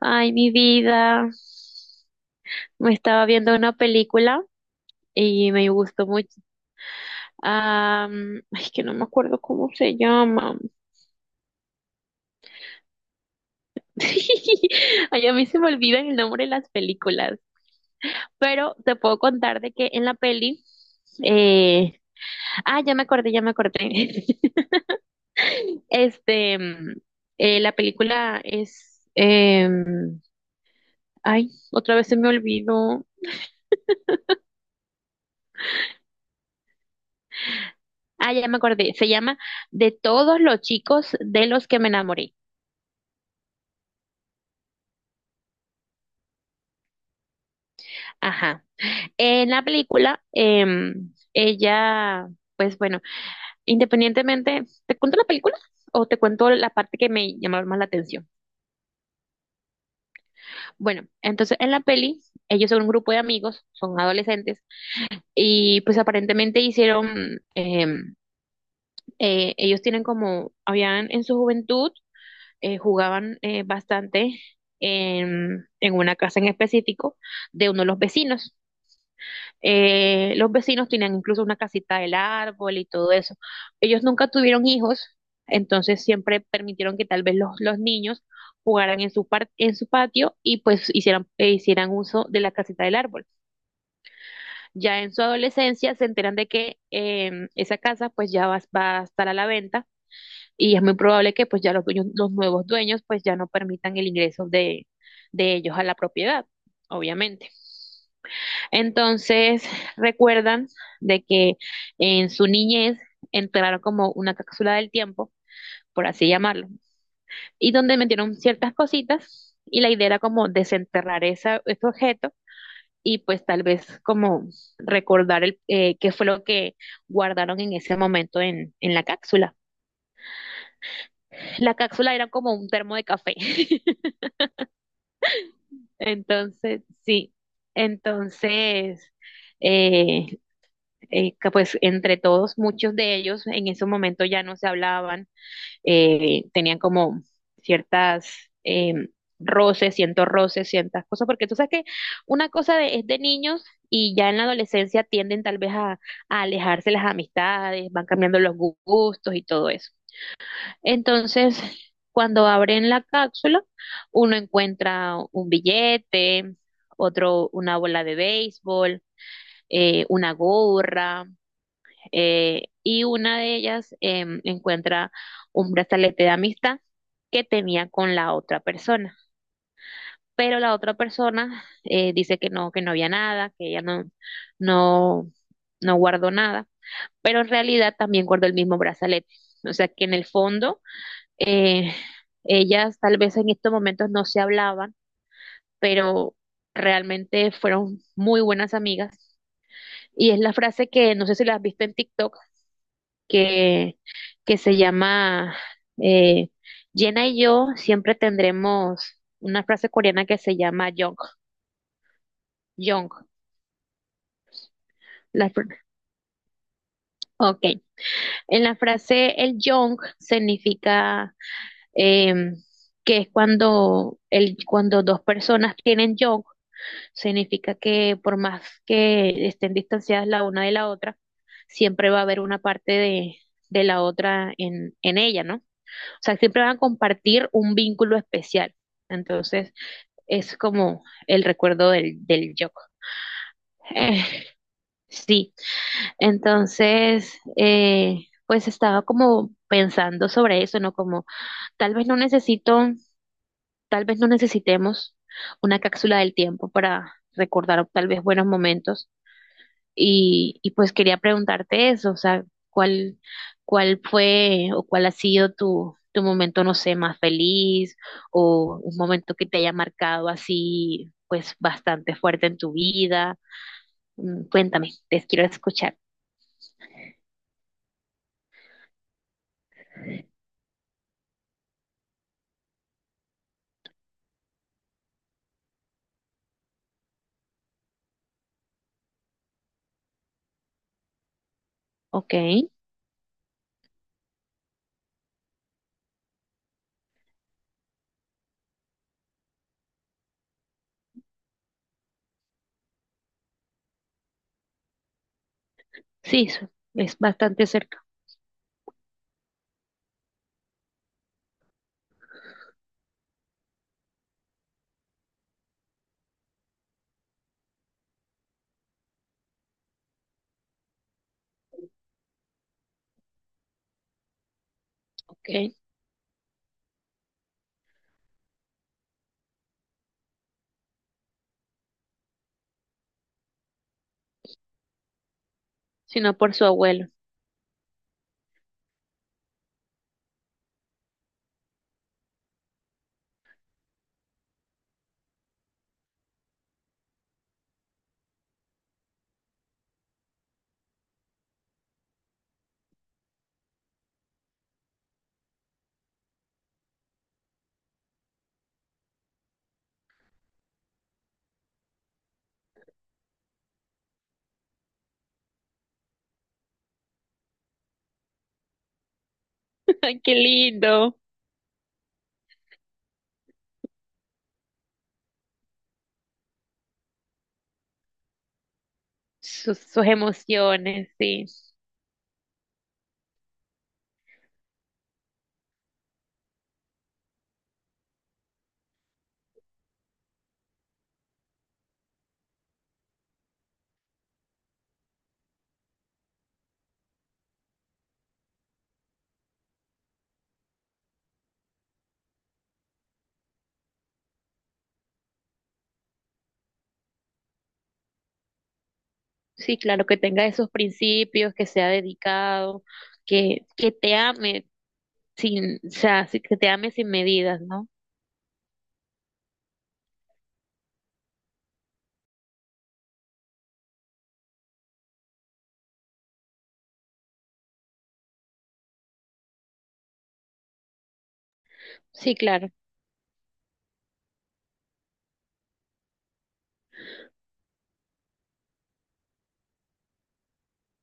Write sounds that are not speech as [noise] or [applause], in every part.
Ay, mi vida. Me estaba viendo una película y me gustó mucho. Ay, que no me acuerdo cómo se llama. [laughs] Ay, a mí se me olvida el nombre de las películas. Pero te puedo contar de que en la peli, eh, ya me acordé, ya me acordé. [laughs] Este, mm, la película es, ay, otra vez se me olvidó. Ah, ya me acordé. Se llama De todos los chicos de los que me enamoré. Ajá. En la película, ella, pues bueno, independientemente, ¿te cuento la película o te cuento la parte que me llamó más la atención? Bueno, entonces en la peli, ellos son un grupo de amigos, son adolescentes, y pues aparentemente ellos tienen como, habían en su juventud, jugaban bastante en una casa en específico de uno de los vecinos. Los vecinos tenían incluso una casita del árbol y todo eso. Ellos nunca tuvieron hijos, entonces siempre permitieron que tal vez los niños jugaran en en su patio y pues hicieran uso de la casita del árbol. Ya en su adolescencia se enteran de que esa casa pues va a estar a la venta y es muy probable que pues ya los dueños, los nuevos dueños pues ya no permitan el ingreso de ellos a la propiedad, obviamente. Entonces, recuerdan de que en su niñez entraron como una cápsula del tiempo, por así llamarlo, y donde metieron ciertas cositas y la idea era como desenterrar ese objeto y pues tal vez como recordar qué fue lo que guardaron en ese momento en la cápsula. La cápsula era como un termo de café. [laughs] Entonces, sí, entonces eh, que pues entre todos, muchos de ellos en ese momento ya no se hablaban, tenían como ciertas eh, roces, ciertos roces, ciertas cosas, porque tú sabes que es de niños y ya en la adolescencia tienden tal vez a alejarse las amistades, van cambiando los gustos y todo eso. Entonces, cuando abren la cápsula, uno encuentra un billete, otro una bola de béisbol, una gorra y una de ellas encuentra un brazalete de amistad que tenía con la otra persona. Pero la otra persona dice que no había nada, que ella no, no guardó nada, pero en realidad también guardó el mismo brazalete. O sea que en el fondo, eh, ellas tal vez en estos momentos no se hablaban, pero realmente fueron muy buenas amigas. Y es la frase que no sé si la has visto en TikTok, que, que se llama eh, Jenna y yo siempre tendremos una frase coreana que se llama Yong. Yong. La, fr- ok. En la frase el Yong significa em, que es cuando, cuando dos personas tienen Yong, significa que por más que estén distanciadas la una de la otra, siempre va a haber una parte de la otra en ella, ¿no? O sea, siempre van a compartir un vínculo especial. Entonces, es como el recuerdo del yo. Eh, sí, entonces, pues estaba como pensando sobre eso, ¿no? Como tal vez no necesito, tal vez no necesitemos una cápsula del tiempo para recordar tal vez buenos momentos. Y pues quería preguntarte eso, o sea, ¿cuál, cuál fue o cuál ha sido tu momento, no sé, más feliz o un momento que te haya marcado así, pues bastante fuerte en tu vida? Mm, cuéntame, te quiero escuchar. Ok, sí, su- es bastante cerca. Ok, sino por su abuelo. [laughs] Ay, qué lindo. Sus, sus emociones, sí. Sí, claro, que tenga esos principios, que sea dedicado, que te ame sin, o sea, sí, que te ame sin medidas, ¿no? Sí, claro.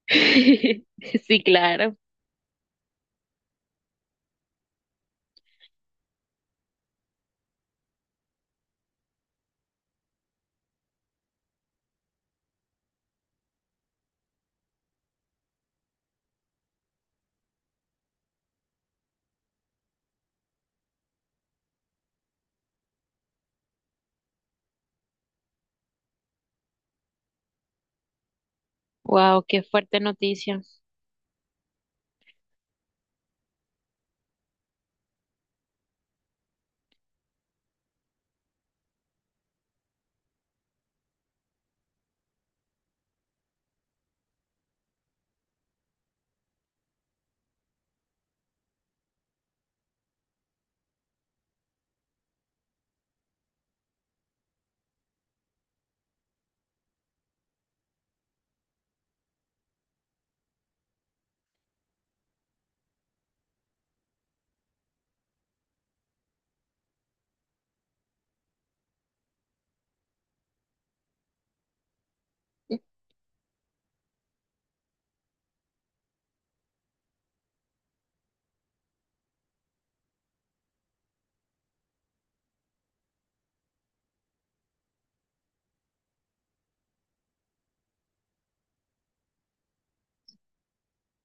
[laughs] Sí, claro. Wow, qué fuerte noticia.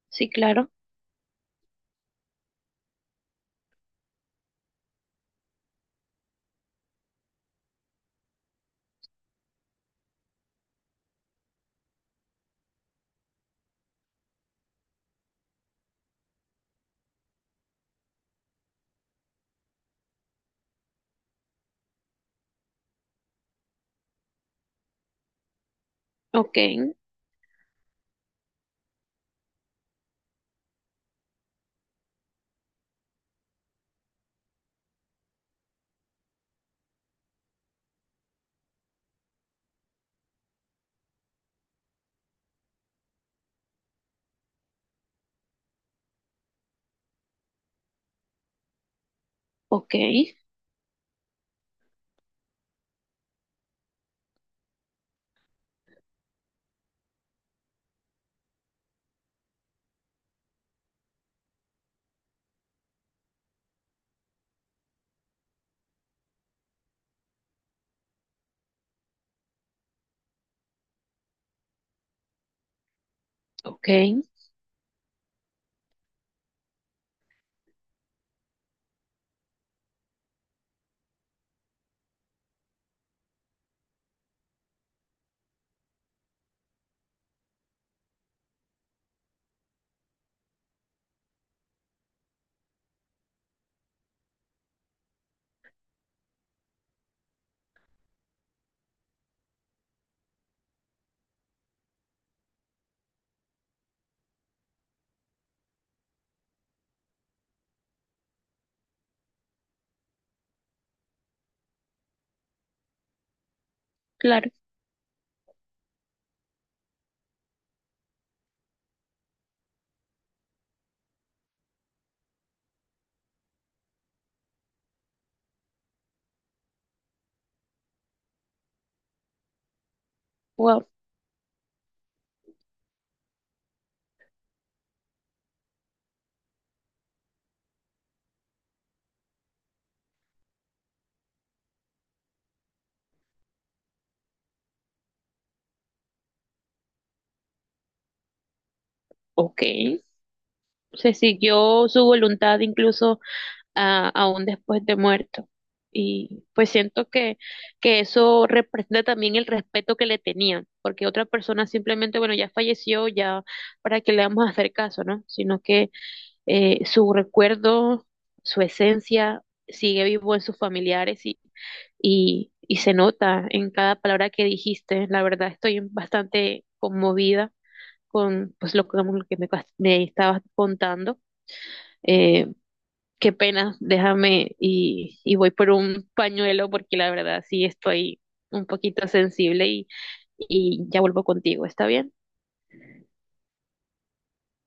Sí, claro. Ok, ok, ok, claro. Wow, ok. Se siguió su voluntad incluso aún después de muerto. Y pues siento que eso representa también el respeto que le tenían, porque otra persona simplemente, bueno, ya falleció, ya para qué le vamos a hacer caso, ¿no? Sino que su recuerdo, su esencia sigue vivo en sus familiares y se nota en cada palabra que dijiste. La verdad, estoy bastante conmovida con que lo que me estabas contando. Eh, qué pena, déjame y voy por un pañuelo porque la verdad sí estoy un poquito sensible y ya vuelvo contigo, ¿está bien?